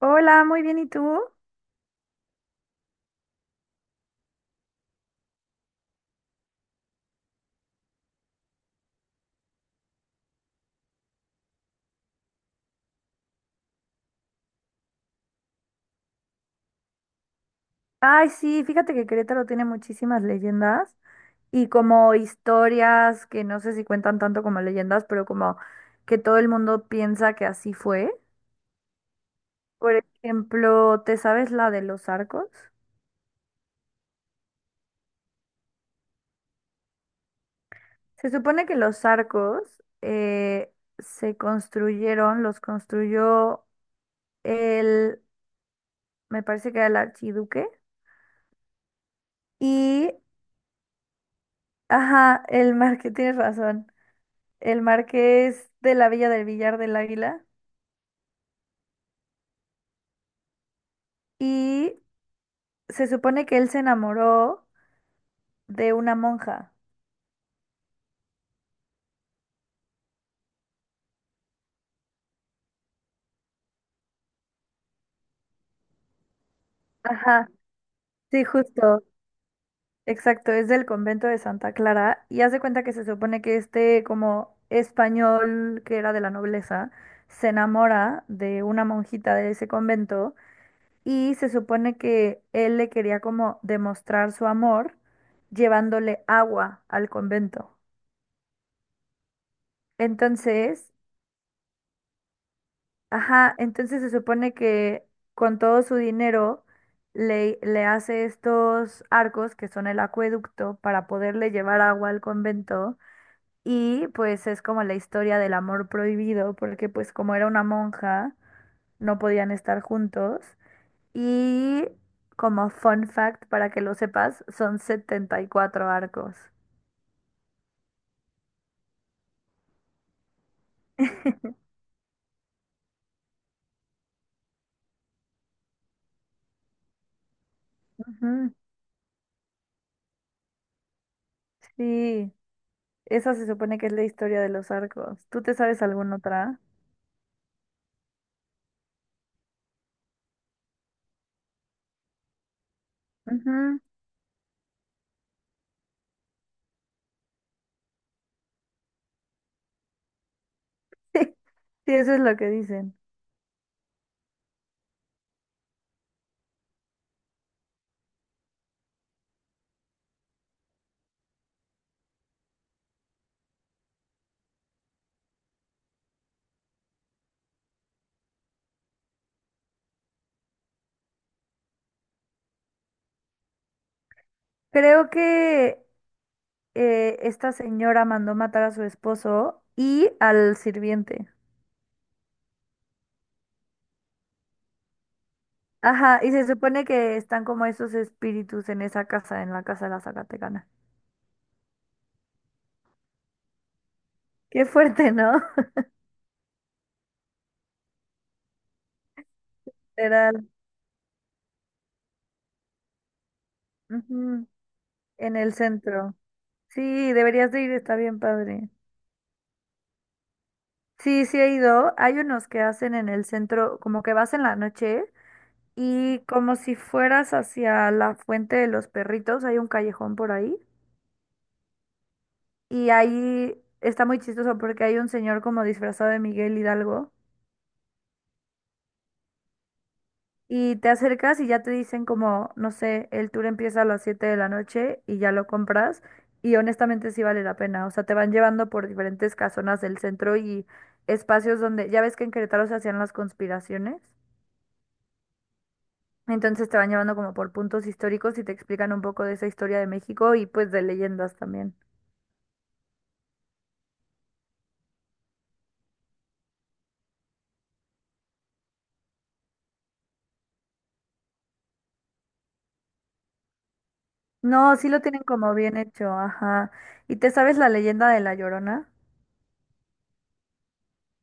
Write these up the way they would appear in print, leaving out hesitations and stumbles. Hola, muy bien, ¿y tú? Ay, sí, fíjate que Querétaro tiene muchísimas leyendas y como historias que no sé si cuentan tanto como leyendas, pero como que todo el mundo piensa que así fue. Por ejemplo, ¿te sabes la de los arcos? Se supone que los arcos eh, se construyeron, los construyó el, me parece que era el archiduque y, ajá, el marqués, tienes razón, el marqués de la Villa del Villar del Águila. Y se supone que él se enamoró de una monja. Ajá, sí, justo, exacto, es del convento de Santa Clara y hace cuenta que se supone que este como español que era de la nobleza se enamora de una monjita de ese convento y se supone que él le quería como demostrar su amor llevándole agua al convento. Entonces, ajá, entonces se supone que con todo su dinero le hace estos arcos que son el acueducto para poderle llevar agua al convento y pues es como la historia del amor prohibido porque pues como era una monja no podían estar juntos y como fun fact para que lo sepas son 74 arcos. Ujú, sí, esa se supone que es la historia de los arcos. ¿Tú te sabes alguna otra? Ujú. Sí, eso es lo que dicen. Creo que esta señora mandó matar a su esposo y al sirviente. Ajá, y se supone que están como esos espíritus en esa casa, en la casa de la Zacatecana. Qué fuerte, ¿no? Literal. Ujú, en el centro. Sí, deberías de ir, está bien padre. Sí, sí he ido. Hay unos que hacen en el centro, como que vas en la noche y como si fueras hacia la fuente de los perritos, hay un callejón por ahí. Y ahí está muy chistoso porque hay un señor como disfrazado de Miguel Hidalgo. Y te acercas y ya te dicen como, no sé, el tour empieza a las 7 de la noche y ya lo compras. Y honestamente sí vale la pena. O sea, te van llevando por diferentes casonas del centro y espacios donde, ya ves que en Querétaro se hacían las conspiraciones. Entonces te van llevando como por puntos históricos y te explican un poco de esa historia de México y pues de leyendas también. No, sí lo tienen como bien hecho, ajá. ¿Y te sabes la leyenda de La Llorona?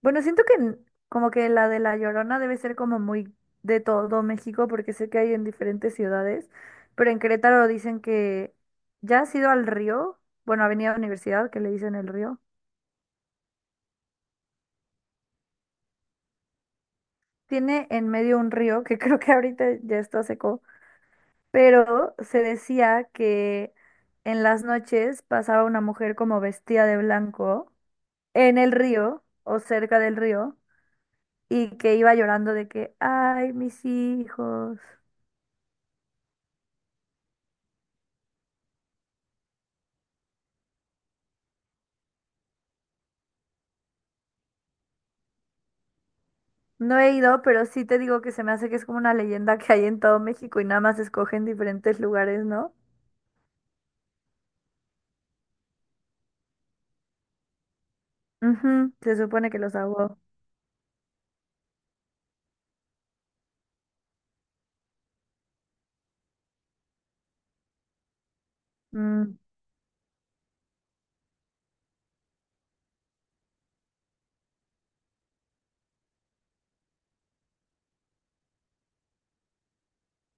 Bueno, siento que como que la de La Llorona debe ser como muy de todo México, porque sé que hay en diferentes ciudades, pero en Querétaro dicen que ya has ido al río, bueno, Avenida Universidad, que le dicen el río. Tiene en medio un río que creo que ahorita ya está seco, pero se decía que en las noches pasaba una mujer como vestida de blanco en el río o cerca del río y que iba llorando de que, ay, mis hijos. No he ido, pero sí te digo que se me hace que es como una leyenda que hay en todo México y nada más escogen diferentes lugares, ¿no? Ujú, se supone que los ahogó. Mm,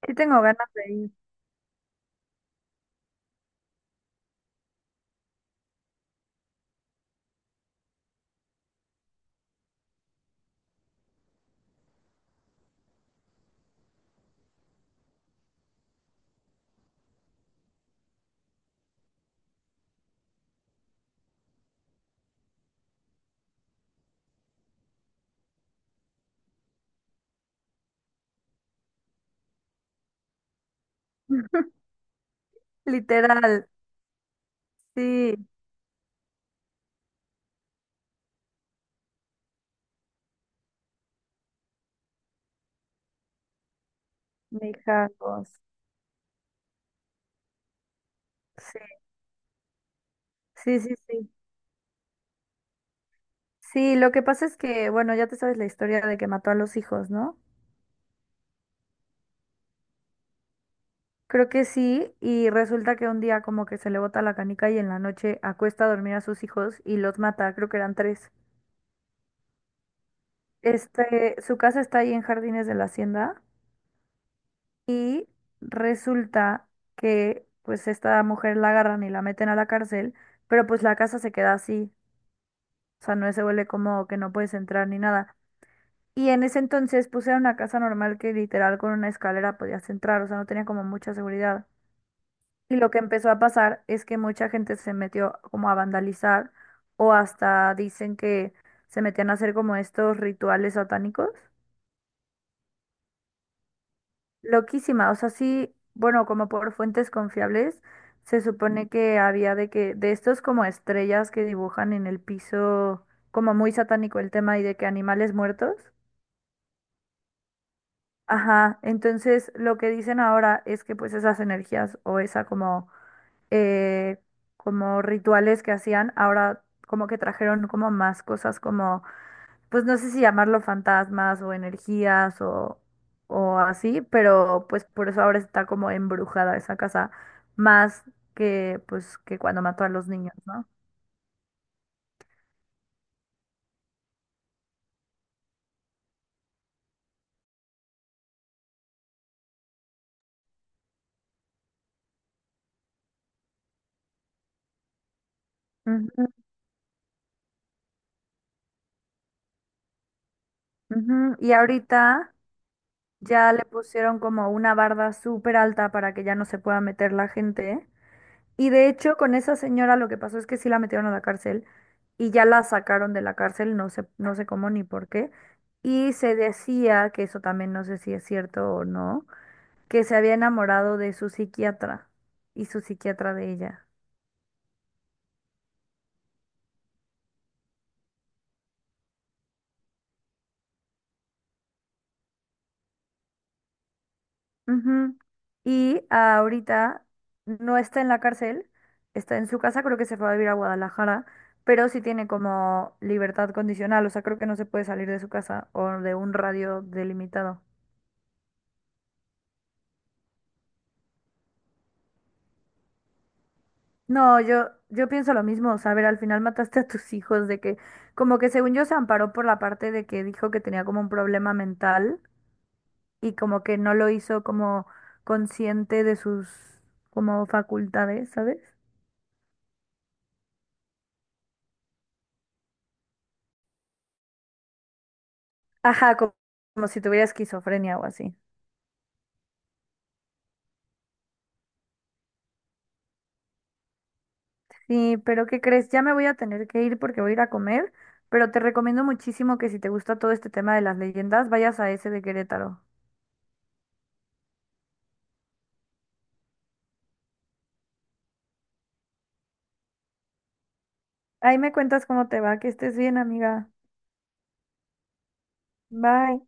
sí tengo ganas de ir. Literal, sí, mijangos. Sí, sí, sí, sí. Sí, lo que pasa es que, bueno, ya te sabes la historia de que mató a los hijos, ¿no? Creo que sí, y resulta que un día como que se le bota la canica y en la noche acuesta a dormir a sus hijos y los mata, creo que eran tres. Este, su casa está ahí en Jardines de la Hacienda. Y resulta que pues esta mujer la agarran y la meten a la cárcel, pero pues la casa se queda así, o sea, no se vuelve como que no puedes entrar ni nada. Y en ese entonces puse era una casa normal que literal con una escalera podías entrar, o sea, no tenía como mucha seguridad. Y lo que empezó a pasar es que mucha gente se metió como a vandalizar o hasta dicen que se metían a hacer como estos rituales satánicos. Loquísima, o sea, sí, bueno, como por fuentes confiables, se supone que había de que, de estos como estrellas que dibujan en el piso, como muy satánico el tema y de que animales muertos. Ajá, entonces lo que dicen ahora es que pues esas energías o esa como, eh, como rituales que hacían, ahora como que trajeron como más cosas como pues no sé si llamarlo fantasmas o energías o así, pero pues por eso ahora está como embrujada esa casa, más que pues que cuando mató a los niños, ¿no? Ujú, ujú. Y ahorita ya le pusieron como una barda súper alta para que ya no se pueda meter la gente. Y de hecho con esa señora lo que pasó es que sí la metieron a la cárcel y ya la sacaron de la cárcel, no sé, no sé cómo ni por qué. Y se decía, que eso también no sé si es cierto o no, que se había enamorado de su psiquiatra y su psiquiatra de ella. Ujú. Y ahorita no está en la cárcel, está en su casa, creo que se fue a vivir a Guadalajara, pero sí tiene como libertad condicional, o sea, creo que no se puede salir de su casa o de un radio delimitado. No, yo pienso lo mismo, o sea, a ver, al final mataste a tus hijos, de que, como que según yo se amparó por la parte de que dijo que tenía como un problema mental y como que no lo hizo como consciente de sus como facultades, ¿sabes? Ajá, como, si tuviera esquizofrenia o así. Sí, pero ¿qué crees? Ya me voy a tener que ir porque voy a ir a comer, pero te recomiendo muchísimo que si te gusta todo este tema de las leyendas, vayas a ese de Querétaro. Ahí me cuentas cómo te va, que estés bien, amiga. Bye.